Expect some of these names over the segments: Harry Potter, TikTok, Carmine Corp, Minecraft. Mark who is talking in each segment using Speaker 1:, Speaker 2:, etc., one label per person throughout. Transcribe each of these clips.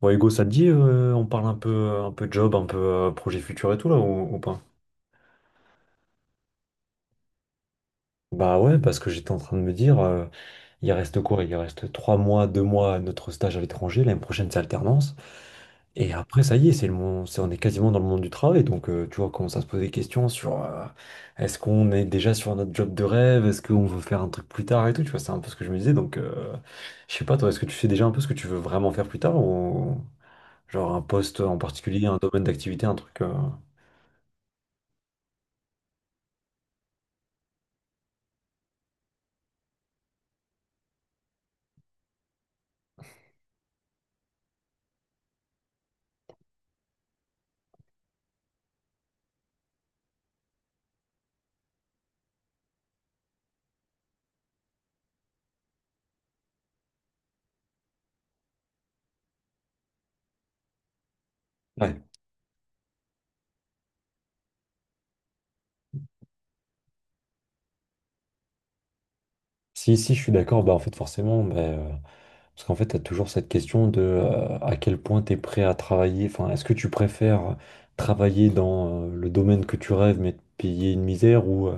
Speaker 1: Bon, Hugo, ça te dit, on parle un peu job, un peu projet futur et tout, là, ou pas? Bah ouais, parce que j'étais en train de me dire, il reste quoi? Il reste trois mois, deux mois à notre stage à l'étranger, l'année prochaine, c'est alternance. Et après, ça y est, c'est le monde, on est quasiment dans le monde du travail, donc tu vois, on commence à se poser des questions sur est-ce qu'on est déjà sur notre job de rêve, est-ce qu'on veut faire un truc plus tard et tout, tu vois, c'est un peu ce que je me disais, donc je sais pas, toi, est-ce que tu sais déjà un peu ce que tu veux vraiment faire plus tard, ou genre un poste en particulier, un domaine d'activité, un truc. Ouais. Si, si, je suis d'accord, bah en fait forcément, parce qu'en fait, tu as toujours cette question de à quel point tu es prêt à travailler, enfin, est-ce que tu préfères travailler dans le domaine que tu rêves mais te payer une misère ou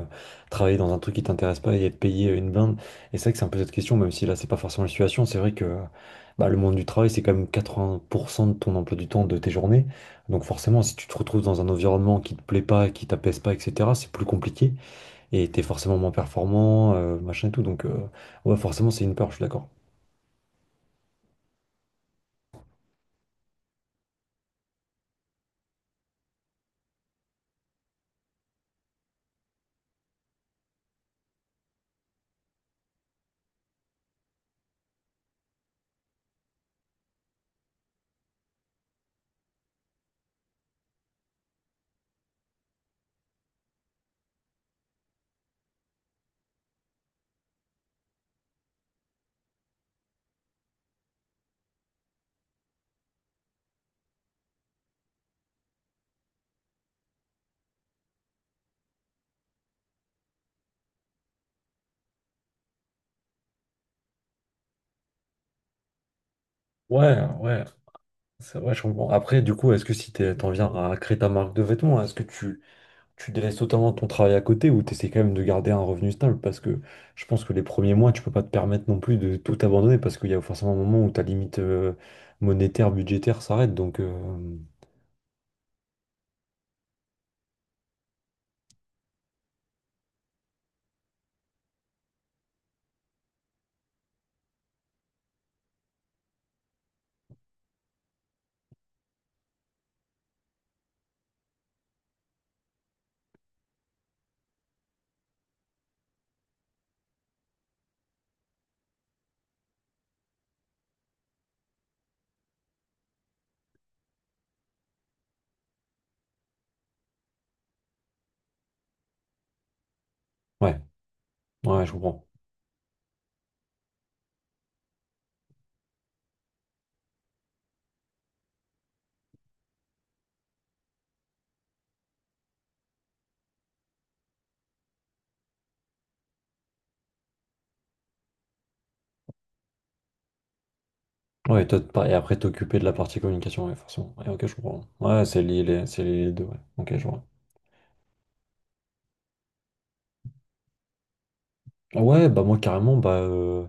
Speaker 1: travailler dans un truc qui t'intéresse pas et être payé une blinde? Et c'est vrai que c'est un peu cette question, même si là, c'est pas forcément la situation, c'est vrai que bah, le monde du travail, c'est quand même 80% de ton emploi du temps de tes journées. Donc forcément, si tu te retrouves dans un environnement qui te plaît pas, qui t'apaise pas, etc., c'est plus compliqué. Et t'es forcément moins performant, machin et tout. Donc, ouais, forcément, c'est une peur, je suis d'accord. Ouais, ouais, c'est vrai, je comprends. Après, du coup, est-ce que si t'en viens à créer ta marque de vêtements, est-ce que tu délaisses totalement ton travail à côté ou t'essaies quand même de garder un revenu stable? Parce que je pense que les premiers mois, tu peux pas te permettre non plus de tout abandonner parce qu'il y a forcément un moment où ta limite monétaire, budgétaire s'arrête. Donc, ouais, ouais, je comprends. Ouais, et, toi, et après t'occuper de la partie communication, ouais, forcément. Ouais, ok, je comprends. Ouais, c'est lié, c'est lié les deux, ouais. Ok, je vois. Ouais, bah moi carrément,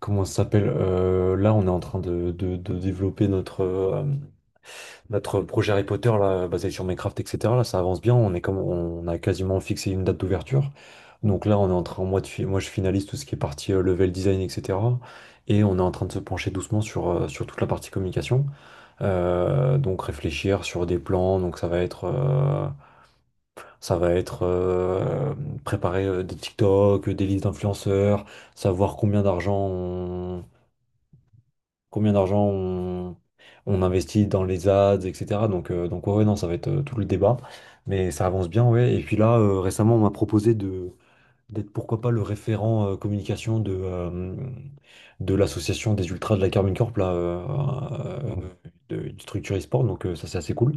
Speaker 1: comment ça s'appelle? Là, on est en train de, de développer notre, notre projet Harry Potter là, basé sur Minecraft, etc. Là, ça avance bien, on est comme on a quasiment fixé une date d'ouverture. Donc là, on est en train, moi, de moi je finalise tout ce qui est partie level design, etc. Et on est en train de se pencher doucement sur, sur toute la partie communication. Donc réfléchir sur des plans, donc ça va être, ça va être préparer des TikTok, des listes d'influenceurs, savoir combien d'argent on investit dans les ads, etc. Donc ouais, ouais, non, ça va être tout le débat. Mais ça avance bien, ouais. Et puis là, récemment, on m'a proposé de d'être pourquoi pas le référent communication de l'association des ultras de la Carmine Corp, là, euh, de, du structure e-sport. Donc ça, c'est assez cool.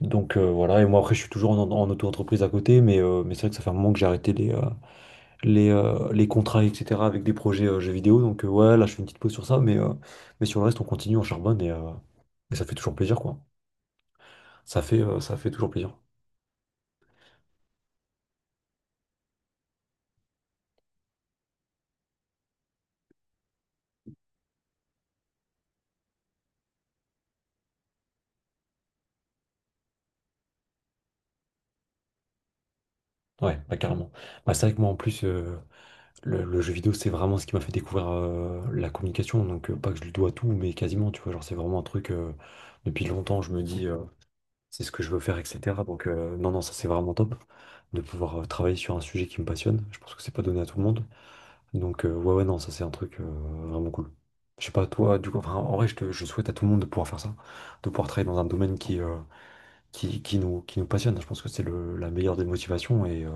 Speaker 1: Donc voilà, et moi après je suis toujours en, en auto-entreprise à côté, mais, mais c'est vrai que ça fait un moment que j'ai arrêté les, les contrats, etc. avec des projets jeux vidéo. Donc ouais, là je fais une petite pause sur ça, mais mais sur le reste on continue, on charbonne et et ça fait toujours plaisir quoi. Ça fait, ça fait toujours plaisir. Ouais, bah carrément. Bah, c'est vrai que moi en plus, le jeu vidéo, c'est vraiment ce qui m'a fait découvrir la communication. Donc, pas que je lui dois tout, mais quasiment, tu vois. Genre, c'est vraiment un truc, depuis longtemps, je me dis, c'est ce que je veux faire, etc. Donc, non, non, ça, c'est vraiment top de pouvoir travailler sur un sujet qui me passionne. Je pense que c'est pas donné à tout le monde. Donc, ouais, ouais, non, ça, c'est un truc vraiment cool. Je sais pas, toi, du coup, enfin, en vrai, je souhaite à tout le monde de pouvoir faire ça, de pouvoir travailler dans un domaine qui, qui nous passionne. Je pense que c'est le, la meilleure des motivations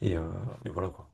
Speaker 1: et, euh, et voilà, quoi.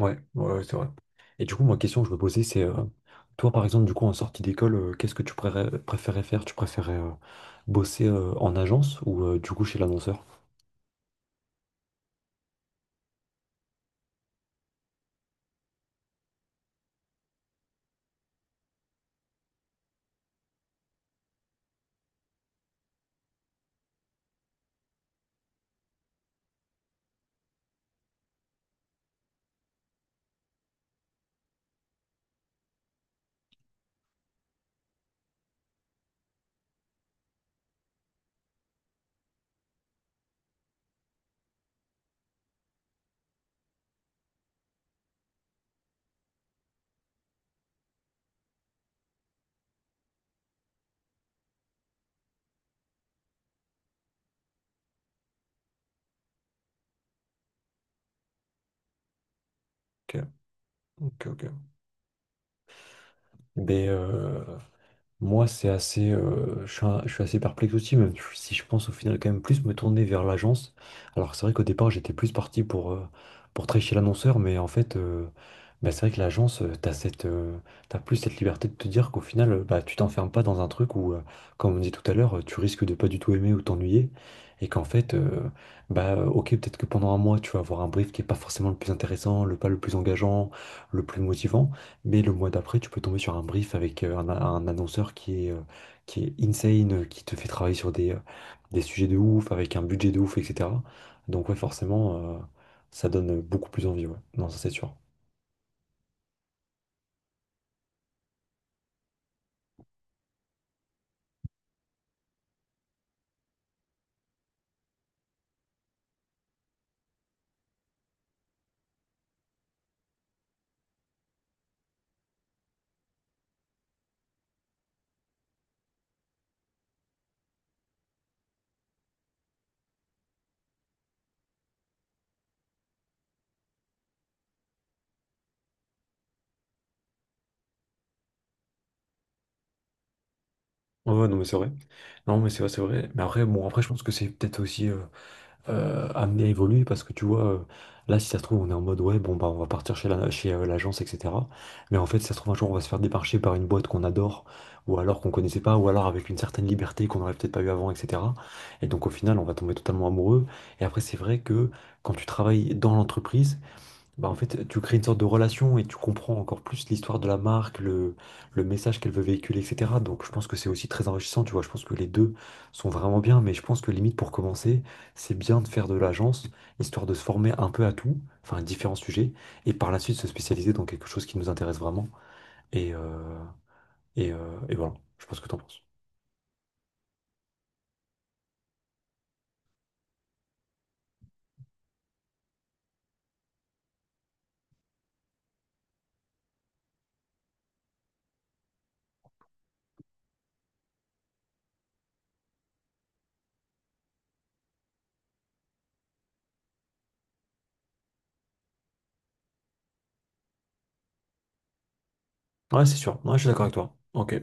Speaker 1: Ouais, ouais, ouais, c'est vrai. Et du coup, ma question que je me posais, c'est, toi, par exemple, du coup, en sortie d'école, qu'est-ce que préférais faire? Tu préférais bosser en agence ou du coup chez l'annonceur? Ok, ok, ok. Ben, euh, Moi, c'est assez, je suis assez perplexe aussi, même si je pense au final quand même plus me tourner vers l'agence. Alors c'est vrai qu'au départ, j'étais plus parti pour travailler chez l'annonceur, mais en fait, bah, c'est vrai que l'agence, t'as plus cette liberté de te dire qu'au final, bah, tu t'enfermes pas dans un truc où, comme on dit tout à l'heure, tu risques de pas du tout aimer ou t'ennuyer, et qu'en fait, bah, ok, peut-être que pendant un mois, tu vas avoir un brief qui est pas forcément le plus intéressant, le pas le plus engageant, le plus motivant. Mais le mois d'après, tu peux tomber sur un brief avec un annonceur qui est insane, qui te fait travailler sur des sujets de ouf, avec un budget de ouf, etc. Donc ouais, forcément, ça donne beaucoup plus envie, ouais. Non, ça c'est sûr. Ouais, ouais, non, mais c'est vrai. Non, mais c'est vrai, c'est vrai. Mais après, bon, après, je pense que c'est peut-être aussi amené à évoluer parce que tu vois, là, si ça se trouve, on est en mode ouais, bon, bah, on va partir chez la, chez l'agence, etc. Mais en fait, si ça se trouve, un jour, on va se faire démarcher par une boîte qu'on adore ou alors qu'on connaissait pas ou alors avec une certaine liberté qu'on n'aurait peut-être pas eu avant, etc. Et donc, au final, on va tomber totalement amoureux. Et après, c'est vrai que quand tu travailles dans l'entreprise, bah, en fait, tu crées une sorte de relation et tu comprends encore plus l'histoire de la marque, le message qu'elle veut véhiculer, etc. Donc, je pense que c'est aussi très enrichissant, tu vois. Je pense que les deux sont vraiment bien, mais je pense que limite pour commencer, c'est bien de faire de l'agence, histoire de se former un peu à tout, enfin, à différents sujets, et par la suite se spécialiser dans quelque chose qui nous intéresse vraiment. Et, euh, et voilà, je pense que t'en penses. Ouais, c'est sûr. Ouais, je suis d'accord avec toi. Ok.